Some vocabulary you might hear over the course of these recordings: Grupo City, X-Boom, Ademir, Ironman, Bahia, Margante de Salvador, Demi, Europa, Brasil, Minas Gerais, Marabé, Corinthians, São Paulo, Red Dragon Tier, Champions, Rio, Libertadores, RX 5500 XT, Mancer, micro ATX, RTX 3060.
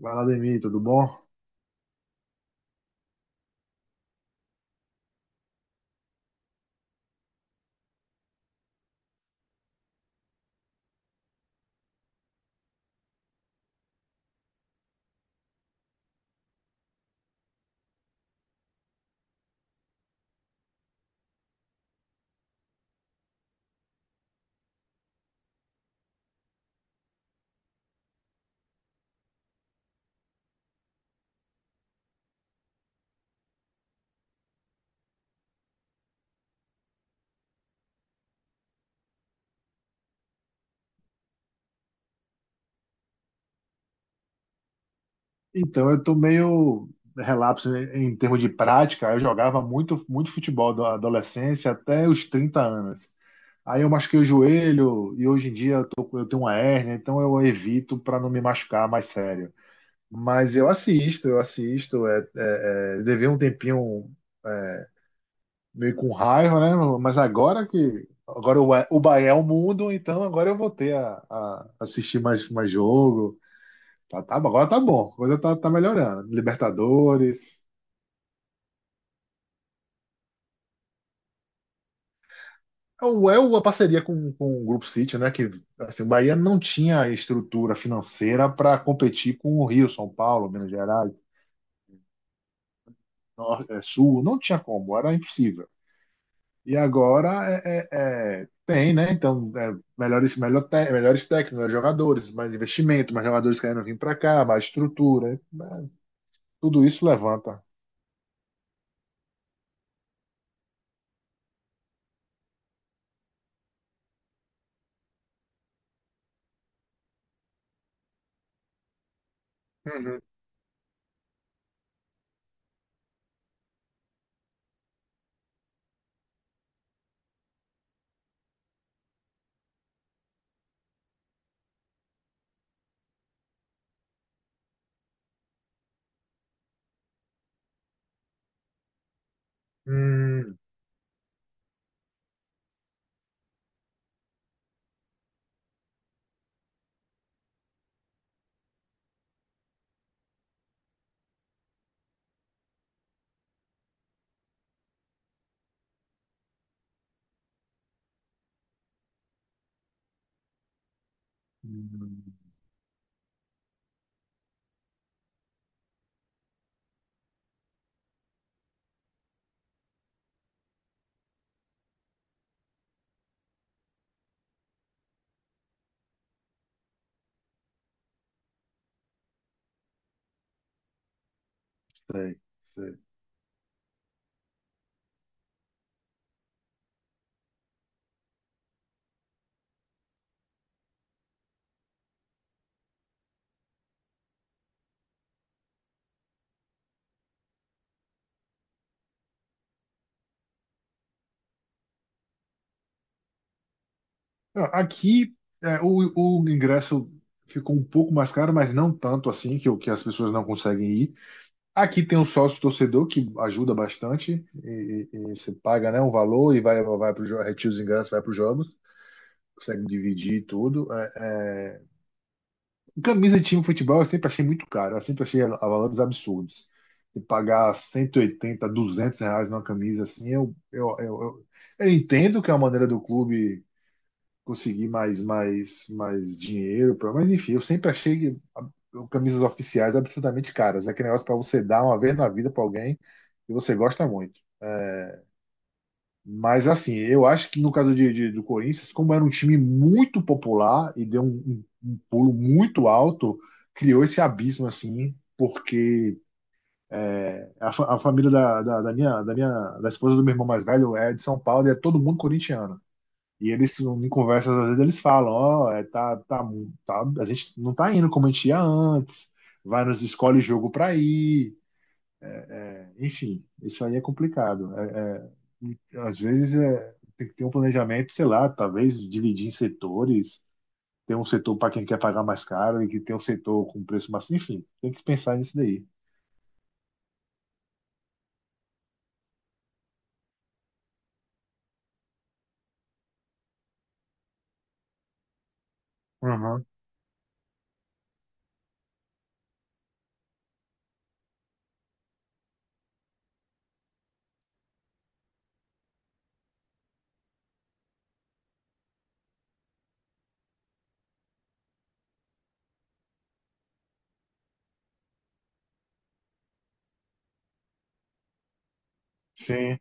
Vai lá, Demi, tudo bom? Então, eu tô meio relapso em termos de prática. Eu jogava muito futebol da adolescência até os 30 anos. Aí eu machuquei o joelho e hoje em dia eu tenho uma hérnia, então eu evito para não me machucar mais sério. Mas eu assisto, eu assisto. Levei um tempinho meio com raiva, né? Mas agora que. Agora o Bahia é o mundo, então agora eu vou ter a assistir mais jogo. Tá, tá, agora tá bom, a coisa tá melhorando. Libertadores. É uma parceria com o Grupo City, né? Que assim, o Bahia não tinha estrutura financeira para competir com o Rio, São Paulo, Minas Gerais, Sul, não tinha como, era impossível. E agora tem, né? Então, melhores técnicos, melhores jogadores, mais investimento, mais jogadores querendo vir para cá, mais estrutura, né? Tudo isso levanta. Uhum. Hum, hum, sei, sei. Ah, aqui o ingresso ficou um pouco mais caro, mas não tanto assim, que as pessoas não conseguem ir. Aqui tem um sócio torcedor que ajuda bastante, e você paga, né, um valor e vai, vai para os retira os ingressos, vai para os jogos, consegue dividir tudo. É. Camisa de time de futebol eu sempre achei muito caro, eu sempre achei a valores absurdos. E pagar R$ 180, 200 numa camisa assim, eu entendo que é uma maneira do clube conseguir mais dinheiro. Mas enfim, eu sempre achei que camisas oficiais absurdamente caras. É aquele negócio para você dar uma vez na vida para alguém que você gosta muito. Mas assim, eu acho que no caso do Corinthians, como era um time muito popular e deu um pulo muito alto, criou esse abismo assim, porque a família da minha da esposa do meu irmão mais velho é de São Paulo e é todo mundo corintiano. E eles, em conversas, às vezes eles falam, ó, tá, a gente não tá indo como a gente ia antes, vai nos escolhe jogo pra ir, enfim, isso aí é complicado. Às vezes é, tem que ter um planejamento, sei lá, talvez dividir em setores, ter um setor para quem quer pagar mais caro e que tem um setor com preço mais, enfim, tem que pensar nisso daí. Uhum. Sim,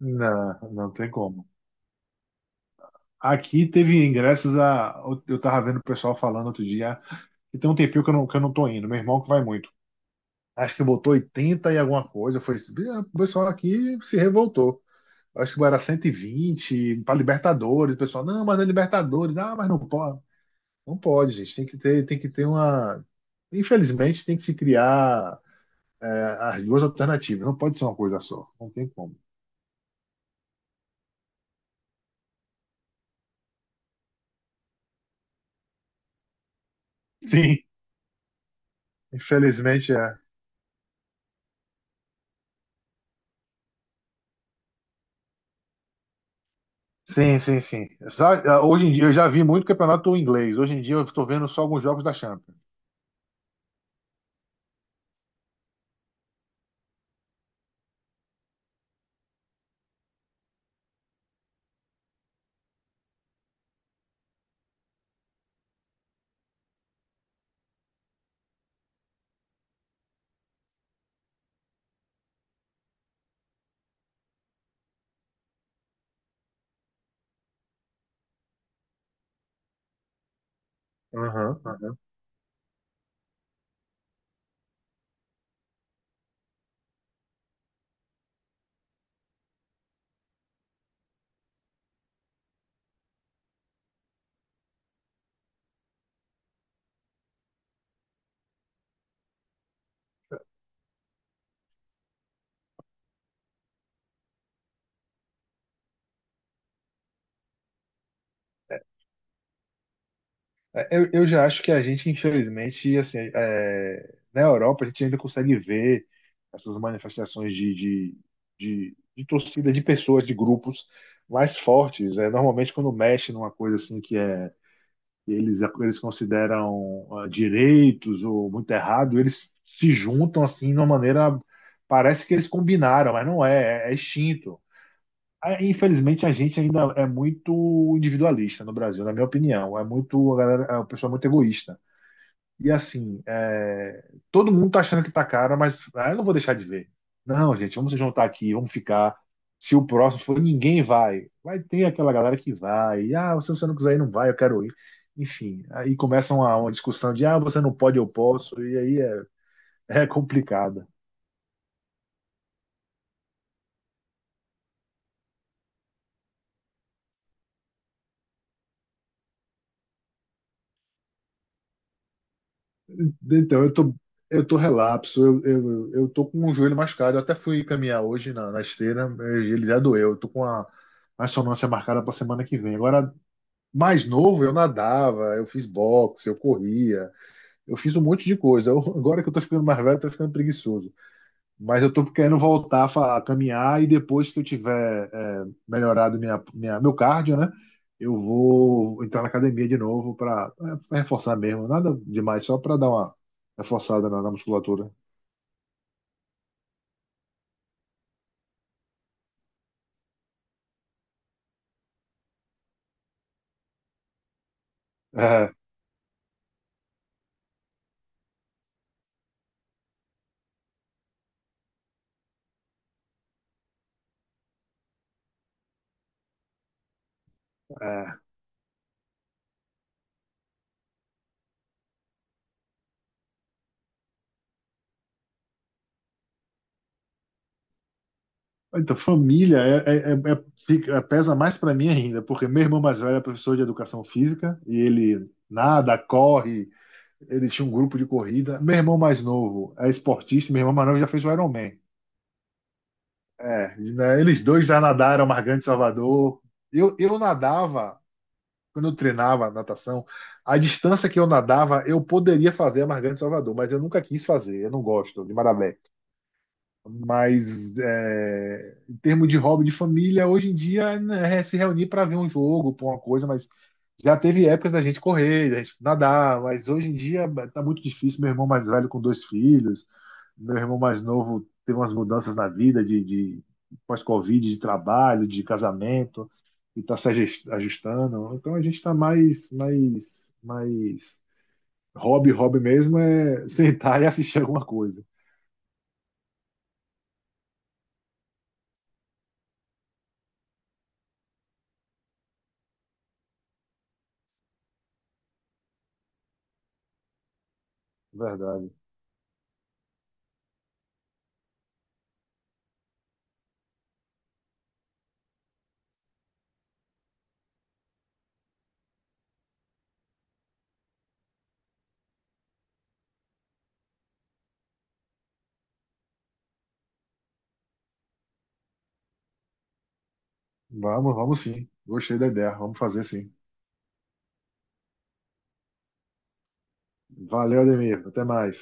não, não tem como. Aqui teve ingressos a. Eu tava vendo o pessoal falando outro dia, e tem um tempinho que eu não tô indo, meu irmão que vai muito. Acho que botou 80 e alguma coisa. Foi, ah, o pessoal aqui se revoltou. Acho que era 120 para Libertadores. O pessoal, não, mas é Libertadores. Ah, mas não pode. Não pode, gente. Tem que ter uma. Infelizmente, tem que se criar é, as duas alternativas. Não pode ser uma coisa só. Não tem como. Sim, infelizmente é. Sim, sim, sim. Sabe, hoje em dia eu já vi muito campeonato inglês. Hoje em dia eu estou vendo só alguns jogos da Champions. Aham. Eu já acho que a gente, infelizmente, assim, é, na Europa, a gente ainda consegue ver essas manifestações de torcida, de pessoas, de grupos mais fortes. É, normalmente, quando mexe numa coisa assim que eles consideram ah, direitos ou muito errado, eles se juntam assim de uma maneira. Parece que eles combinaram, mas não é extinto. Ah, infelizmente, a gente ainda é muito individualista no Brasil, na minha opinião. É muito, a galera, é uma pessoa muito egoísta. E assim, é, todo mundo tá achando que tá caro, mas ah, eu não vou deixar de ver. Não, gente, vamos se juntar aqui, vamos ficar. Se o próximo for, ninguém vai. Vai ter aquela galera que vai. Ah, se você não quiser ir, não vai, eu quero ir. Enfim, aí começam uma discussão de ah, você não pode, eu posso, e aí é, é complicada. Então, eu tô, eu tô relapso, eu tô com um joelho machucado. Eu até fui caminhar hoje na esteira, ele já doeu. Eu tô com a ressonância marcada para semana que vem. Agora, mais novo, eu nadava, eu fiz boxe, eu corria, eu fiz um monte de coisa. Eu- agora que eu tô ficando mais velho, eu tô ficando preguiçoso. Mas eu tô querendo voltar a caminhar e depois que eu tiver é, melhorado meu cardio, né? Eu vou entrar na academia de novo para reforçar mesmo. Nada demais, só para dar uma reforçada na musculatura. É, é. Então, família pesa mais para mim ainda, porque meu irmão mais velho é professor de educação física e ele nada, corre. Ele tinha um grupo de corrida. Meu irmão mais novo é esportista, meu irmão mais novo já fez o Ironman. É, né, eles dois já nadaram Margante de Salvador. Eu nadava, quando eu treinava natação, a distância que eu nadava, eu poderia fazer a Margante de Salvador, mas eu nunca quis fazer, eu não gosto de Marabé. Mas é, em termos de hobby de família, hoje em dia, né, é se reunir para ver um jogo, para uma coisa, mas já teve épocas da gente correr, da gente nadar, mas hoje em dia tá muito difícil. Meu irmão mais velho com 2 filhos, meu irmão mais novo teve umas mudanças na vida de pós-Covid, de trabalho, de casamento, e está se ajustando. Então a gente está mais hobby, hobby mesmo é sentar e assistir alguma coisa. É verdade. Vamos, vamos sim. Gostei da ideia. Vamos fazer sim. Valeu, Ademir. Até mais.